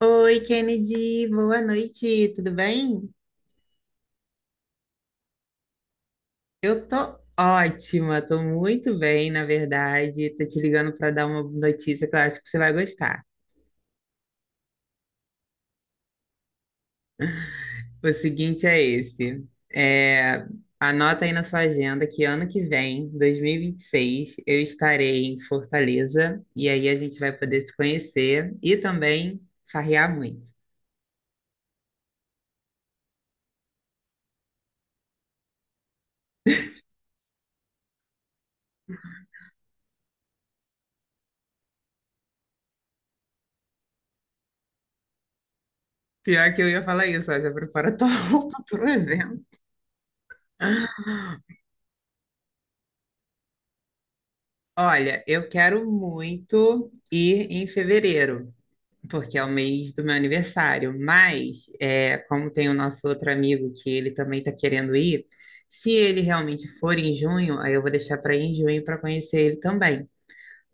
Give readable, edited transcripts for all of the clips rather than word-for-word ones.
Oi, Kennedy, boa noite, tudo bem? Eu tô ótima, tô muito bem, na verdade. Tô te ligando para dar uma notícia que eu acho que você vai gostar. O seguinte é esse: é, anota aí na sua agenda que ano que vem, dois mil e vinte e seis, eu estarei em Fortaleza e aí a gente vai poder se conhecer e também farrear muito. Pior que eu ia falar isso, ó, já prepara tua roupa pro evento. Olha, eu quero muito ir em fevereiro, porque é o mês do meu aniversário. Mas, como tem o nosso outro amigo que ele também está querendo ir, se ele realmente for em junho, aí eu vou deixar para ir em junho para conhecer ele também.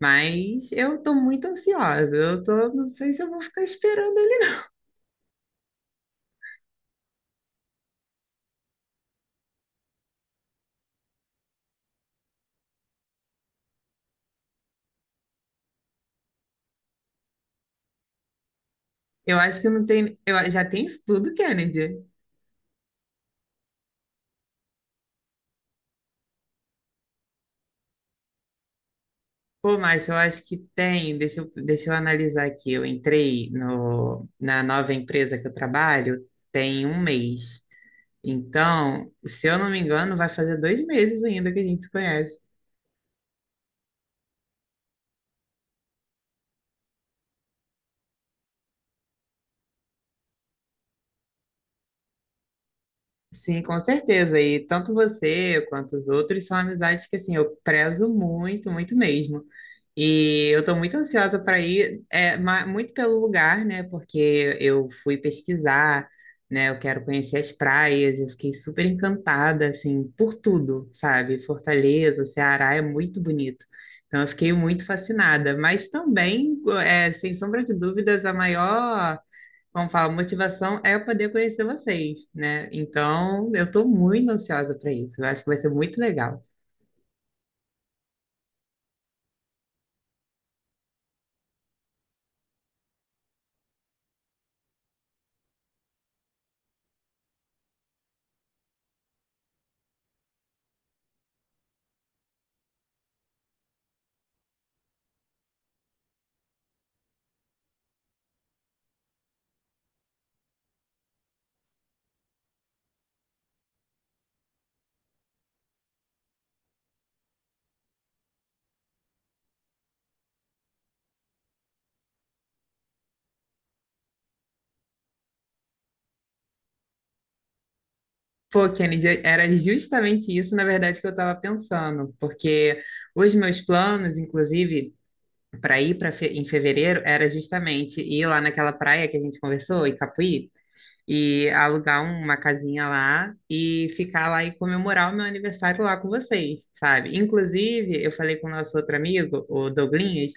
Mas eu estou muito ansiosa. Eu tô, não sei se eu vou ficar esperando ele. Eu acho que não tem. Eu, já tem isso tudo, Kennedy. Pô, mas eu acho que tem. Deixa eu analisar aqui. Eu entrei no, na nova empresa que eu trabalho tem um mês. Então, se eu não me engano, vai fazer 2 meses ainda que a gente se conhece. Sim, com certeza. E tanto você quanto os outros são amizades que assim eu prezo muito, muito mesmo. E eu estou muito ansiosa para ir, muito pelo lugar, né? Porque eu fui pesquisar, né? Eu quero conhecer as praias, eu fiquei super encantada, assim, por tudo, sabe? Fortaleza, Ceará é muito bonito. Então eu fiquei muito fascinada. Mas também, sem sombra de dúvidas, a maior, vamos falar, motivação é eu poder conhecer vocês, né? Então, eu tô muito ansiosa para isso. Eu acho que vai ser muito legal. Pô, Kennedy, era justamente isso, na verdade, que eu estava pensando, porque os meus planos, inclusive, para ir para em fevereiro, era justamente ir lá naquela praia que a gente conversou, Icapuí. E alugar uma casinha lá e ficar lá e comemorar o meu aniversário lá com vocês, sabe? Inclusive, eu falei com o nosso outro amigo, o Douglinhas,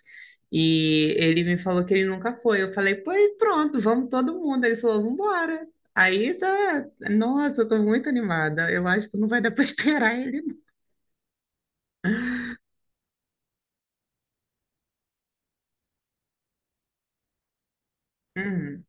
e ele me falou que ele nunca foi. Eu falei, pois pronto, vamos todo mundo. Ele falou, vambora. Aí tá, nossa, eu tô muito animada. Eu acho que não vai dar pra esperar ele. Não. Uhum.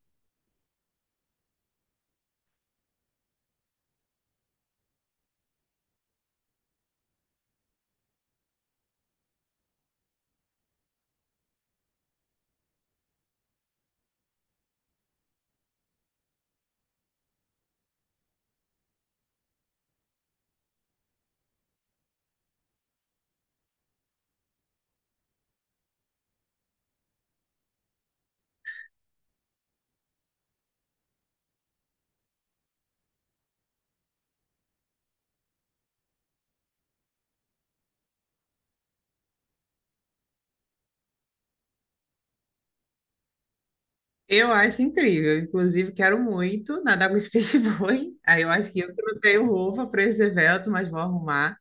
Eu acho incrível. Inclusive, quero muito nadar com os peixes-boi. Aí eu acho que eu que não tenho roupa para esse evento, mas vou arrumar.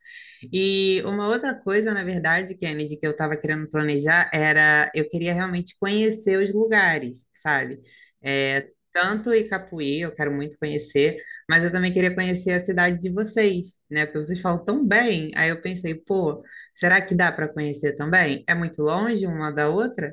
E uma outra coisa, na verdade, Kennedy, que eu estava querendo planejar era eu queria realmente conhecer os lugares, sabe? Tanto Icapuí, eu quero muito conhecer, mas eu também queria conhecer a cidade de vocês, né? Porque vocês falam tão bem. Aí eu pensei, pô, será que dá para conhecer também? É muito longe uma da outra?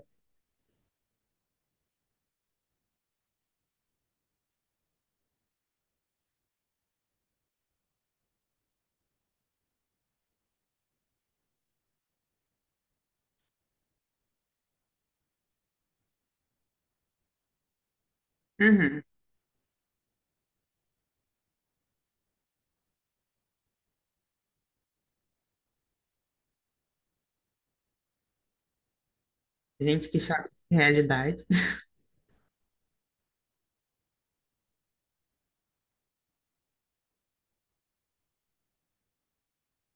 Uhum. Gente, que choque de realidade.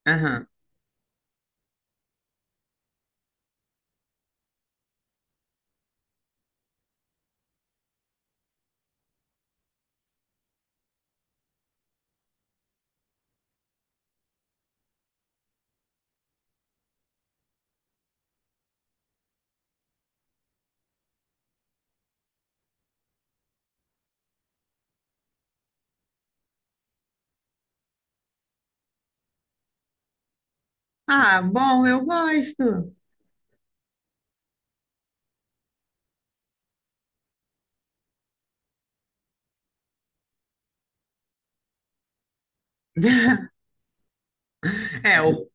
Aham. Ah, bom, eu gosto. É, o,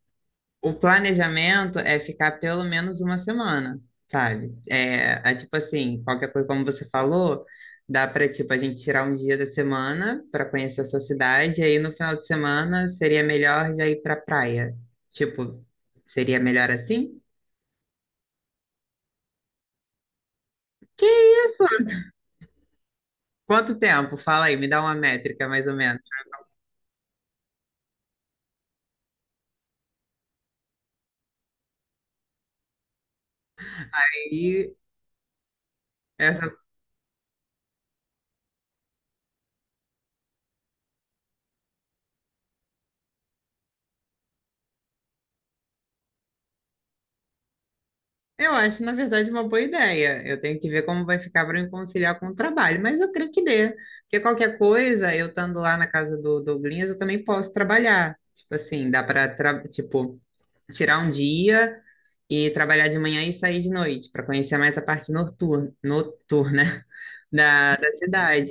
o planejamento é ficar pelo menos uma semana, sabe? É tipo assim, qualquer coisa, como você falou, dá para tipo, a gente tirar um dia da semana para conhecer a sua cidade, e aí no final de semana seria melhor já ir pra praia. Tipo, seria melhor assim? Que isso? Quanto tempo? Fala aí, me dá uma métrica mais ou menos. E essa Eu acho, na verdade, uma boa ideia. Eu tenho que ver como vai ficar para me conciliar com o trabalho, mas eu creio que dê. Porque qualquer coisa, eu estando lá na casa do Douglas, eu também posso trabalhar. Tipo assim, dá para, tipo, tirar um dia e trabalhar de manhã e sair de noite, para conhecer mais a parte noturna da cidade.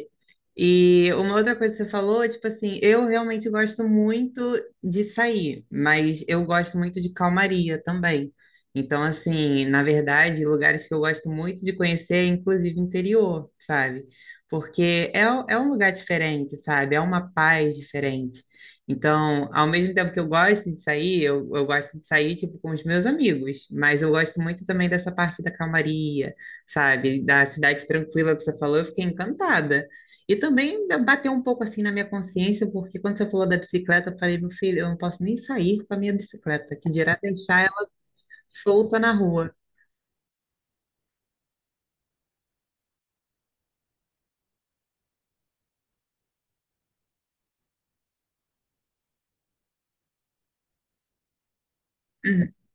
E uma outra coisa que você falou, tipo assim, eu realmente gosto muito de sair, mas eu gosto muito de calmaria também. Então, assim, na verdade, lugares que eu gosto muito de conhecer, inclusive interior, sabe? Porque é um lugar diferente, sabe? É uma paz diferente. Então, ao mesmo tempo que eu gosto de sair, eu gosto de sair, tipo, com os meus amigos, mas eu gosto muito também dessa parte da calmaria, sabe? Da cidade tranquila que você falou, eu fiquei encantada. E também bateu um pouco assim na minha consciência, porque quando você falou da bicicleta, eu falei, meu filho, eu não posso nem sair com a minha bicicleta, que dirá deixar ela solta na rua.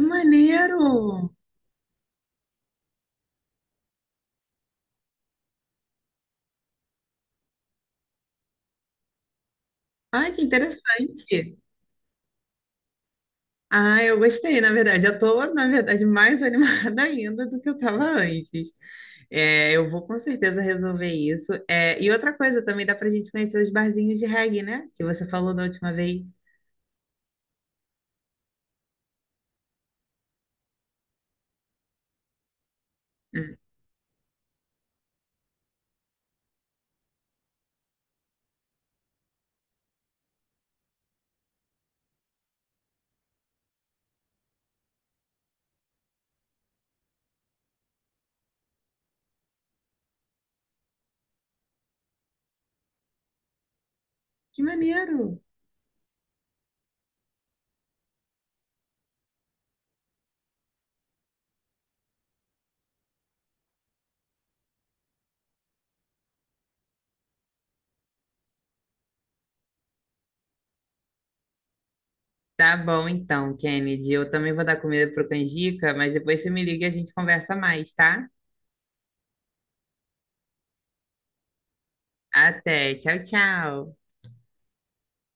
Uhum. Maneiro! Ai, que interessante! Ah, eu gostei, na verdade. Eu tô, na verdade, mais animada ainda do que eu estava antes. Eu vou com certeza resolver isso. E outra coisa também, dá pra gente conhecer os barzinhos de reggae, né? Que você falou da última vez. Hum. Que maneiro! Tá bom então, Kennedy. Eu também vou dar comida pro Canjica, mas depois você me liga e a gente conversa mais, tá? Até. Tchau, tchau.